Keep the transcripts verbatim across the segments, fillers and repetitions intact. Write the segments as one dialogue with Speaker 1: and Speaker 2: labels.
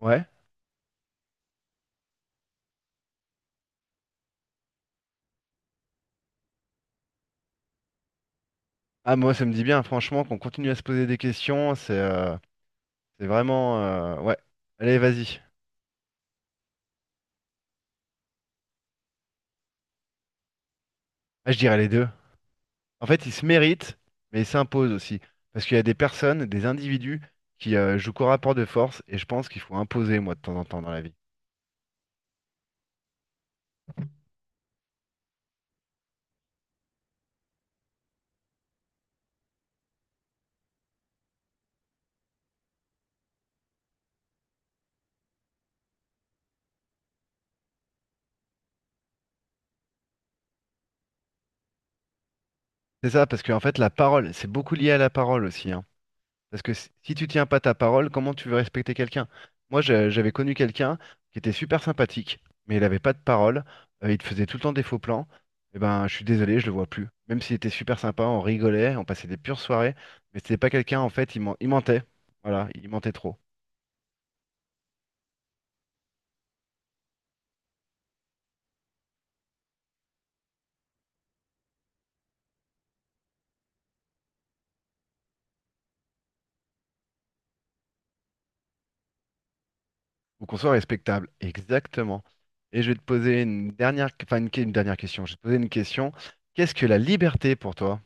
Speaker 1: Ouais. Ah, moi, ça me dit bien, franchement, qu'on continue à se poser des questions. C'est euh, c'est vraiment. Euh, ouais. Allez, vas-y. Ah, je dirais les deux. En fait, ils se méritent, mais ils s'imposent aussi. Parce qu'il y a des personnes, des individus qui euh, jouent qu'au rapport de force, et je pense qu'il faut imposer, moi, de temps en temps dans la vie. C'est ça, parce qu'en fait, la parole, c'est beaucoup lié à la parole aussi, hein. Parce que si si tu tiens pas ta parole, comment tu veux respecter quelqu'un? Moi, j'a- j'avais connu quelqu'un qui était super sympathique, mais il avait pas de parole, euh, il te faisait tout le temps des faux plans. Eh ben, je suis désolé, je le vois plus. Même s'il était super sympa, on rigolait, on passait des pures soirées, mais c'était pas quelqu'un, en fait, il, men- il mentait. Voilà, il mentait trop. Faut qu'on soit respectable. Exactement. Et je vais te poser une dernière, enfin, une, que- une dernière question. Je vais te poser une question. Qu'est-ce que la liberté pour toi?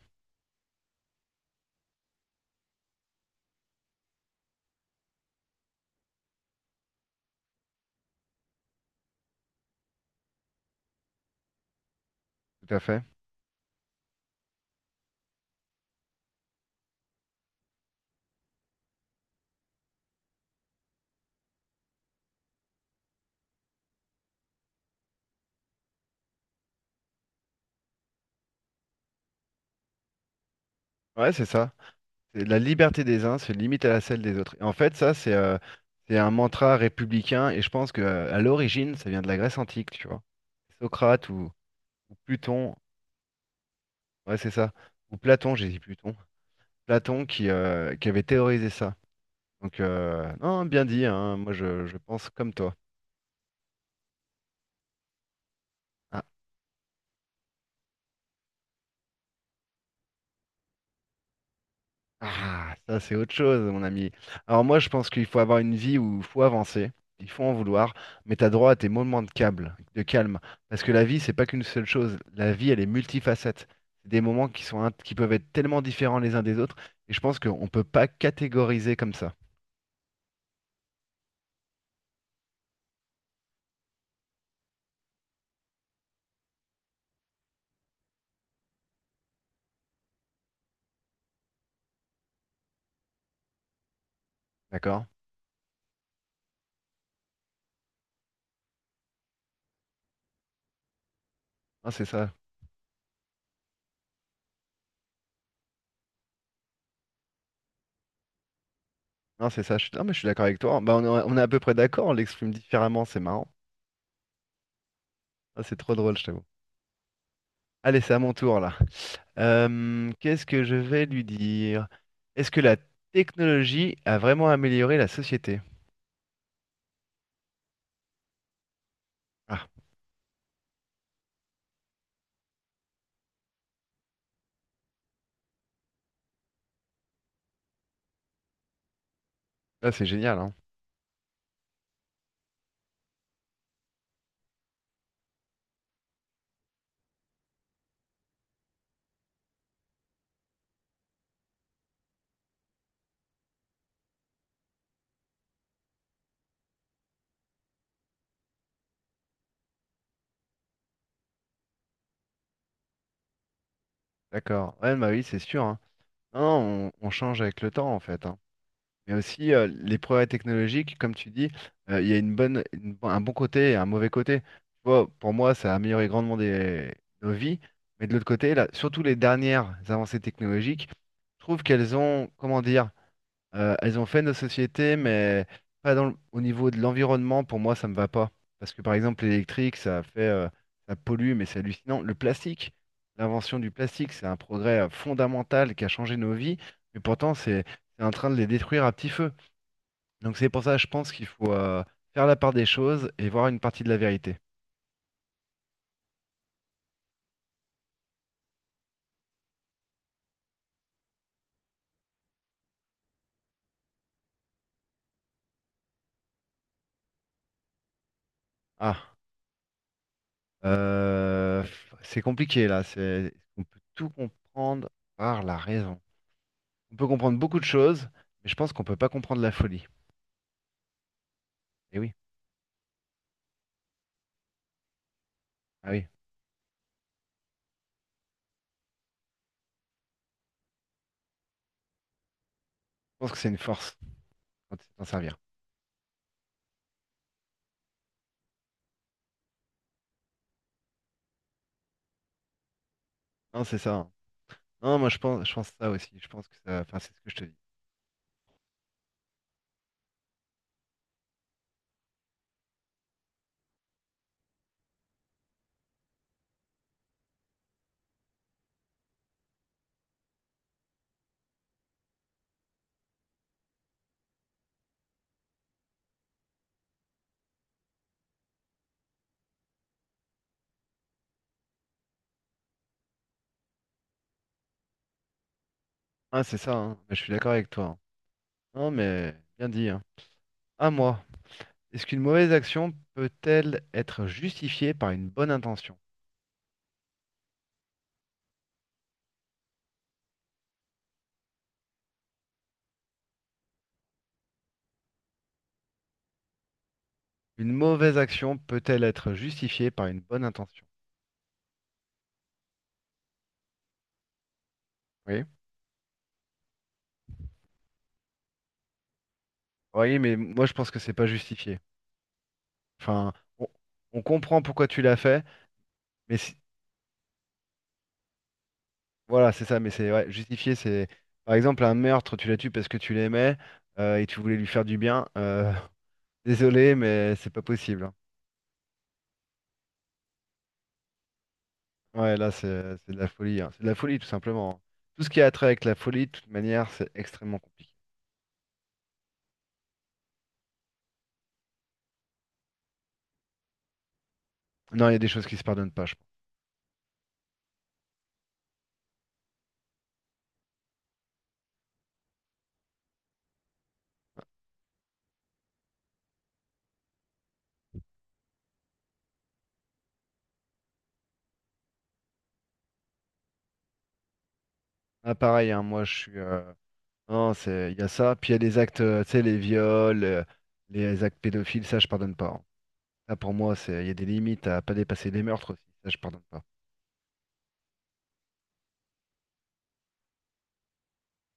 Speaker 1: Tout à fait. Ouais, c'est ça. C'est la liberté des uns se limite à la celle des autres. Et en fait, ça, c'est euh, c'est un mantra républicain, et je pense que euh, à l'origine, ça vient de la Grèce antique, tu vois. Socrate ou, ou Pluton, ouais, c'est ça. Ou Platon, j'ai dit Pluton. Platon qui, euh, qui avait théorisé ça. Donc, euh, non, bien dit, hein, moi je, je pense comme toi. Ah. Ah, ça c'est autre chose, mon ami. Alors moi, je pense qu'il faut avoir une vie où il faut avancer, il faut en vouloir, mais t'as droit à tes moments de câble, de calme, parce que la vie, c'est pas qu'une seule chose. La vie, elle est multifacette. C'est des moments qui sont, int- qui peuvent être tellement différents les uns des autres, et je pense qu'on peut pas catégoriser comme ça, d'accord? Non, c'est ça. Non, c'est ça. Je suis... Non, mais je suis d'accord avec toi. Bah, on est on est à peu près d'accord. On l'exprime différemment. C'est marrant. Ah, c'est trop drôle, je t'avoue. Allez, c'est à mon tour là. Euh, qu'est-ce que je vais lui dire? Est-ce que la technologie a vraiment amélioré la société? Ah, là c'est génial, hein. D'accord. Ouais, bah oui, c'est sûr, hein. Non, non, on, on change avec le temps en fait, hein. Mais aussi euh, les progrès technologiques, comme tu dis, euh, il y a une bonne, une- bon, un bon côté et un mauvais côté. Tu vois, pour moi, ça a amélioré grandement des- nos vies, mais de l'autre côté, là, surtout les dernières avancées technologiques, je trouve qu'elles ont, comment dire, Euh, elles ont fait nos sociétés, mais pas dans le- au niveau de l'environnement, pour moi, ça me va pas. Parce que par exemple, l'électrique, ça fait, euh, ça pollue, mais c'est hallucinant. Le plastique, l'invention du plastique, c'est un progrès euh, fondamental qui a changé nos vies, mais pourtant, c'est c'est en train de les détruire à petit feu. Donc c'est pour ça, je pense qu'il faut euh, faire la part des choses et voir une partie de la vérité. Ah, euh, c'est compliqué là. C'est, on peut tout comprendre par la raison. On peut comprendre beaucoup de choses, mais je pense qu'on peut pas comprendre la folie. Et oui, ah oui. Je pense que c'est une force quand tu sais t'en servir. Non, c'est ça, hein. Non, moi je pense, je pense ça aussi. Je pense que ça. Enfin, c'est ce que je te dis. Ah, c'est ça, hein. Mais je suis d'accord avec toi, hein. Non, mais bien dit, hein. À moi. Est-ce qu'une mauvaise action peut-elle être justifiée par une bonne intention? Une mauvaise action peut-elle être justifiée par une bonne intention? Oui. Oui, mais moi je pense que c'est pas justifié. Enfin, on, on comprend pourquoi tu l'as fait, mais si- voilà, c'est ça, mais c'est ouais, justifié, c'est par exemple un meurtre, tu la tues parce que tu l'aimais euh, et tu voulais lui faire du bien. euh, désolé, mais c'est pas possible, hein. Ouais, là, c'est c'est de la folie, hein. C'est de la folie tout simplement, hein. Tout ce qui a trait avec la folie, de toute manière, c'est extrêmement compliqué. Non, il y a des choses qui se pardonnent pas, je pense. Ah, pareil, hein, moi, je suis. euh, Non, c'est il y a ça. Puis il y a des actes, euh, tu sais, les viols, euh, les actes pédophiles, ça, je pardonne pas, hein. Ça, pour moi, c'est il y a des limites à pas dépasser les meurtres aussi. Ça, je pardonne pas.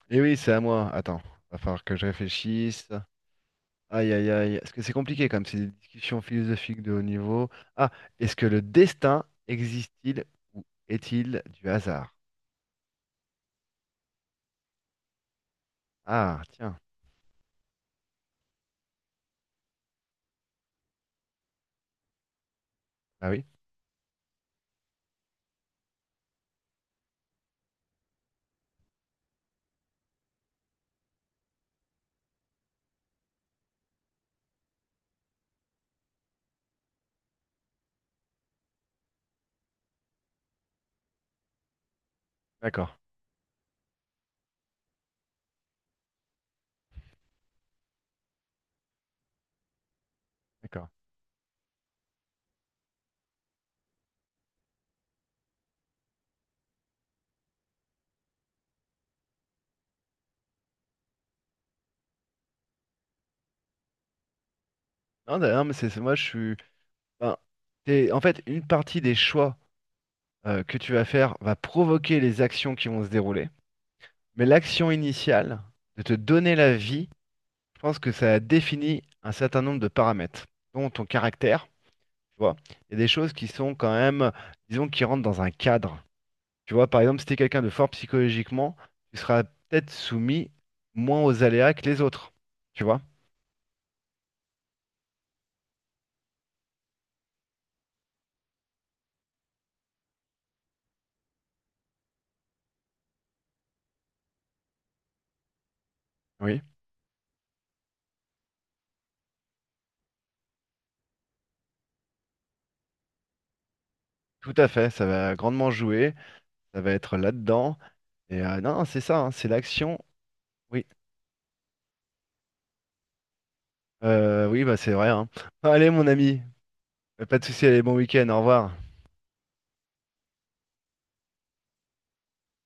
Speaker 1: Et oui, c'est à moi. Attends, va falloir que je réfléchisse. Aïe, aïe, aïe. Parce que c'est compliqué comme c'est des discussions philosophiques de haut niveau. Ah, est-ce que le destin existe-t-il ou est-il du hasard? Ah, tiens. Ah oui, d'accord, d'accord. Non, d'ailleurs, mais c'est c'est- moi, je suis. Ben, t'es- en fait, une partie des choix euh, que tu vas faire va provoquer les actions qui vont se dérouler. Mais l'action initiale de te donner la vie, je pense que ça définit un certain nombre de paramètres, dont ton caractère. Tu vois, il y a des choses qui sont quand même, disons, qui rentrent dans un cadre. Tu vois, par exemple, si t'es quelqu'un de fort psychologiquement, tu seras peut-être soumis moins aux aléas que les autres. Tu vois? Oui, tout à fait. Ça va grandement jouer. Ça va être là-dedans. Et euh, non, non, c'est ça, hein, c'est l'action. Oui, Euh, oui, bah c'est vrai, hein. Allez, mon ami, pas de souci. Allez, bon week-end. Au revoir.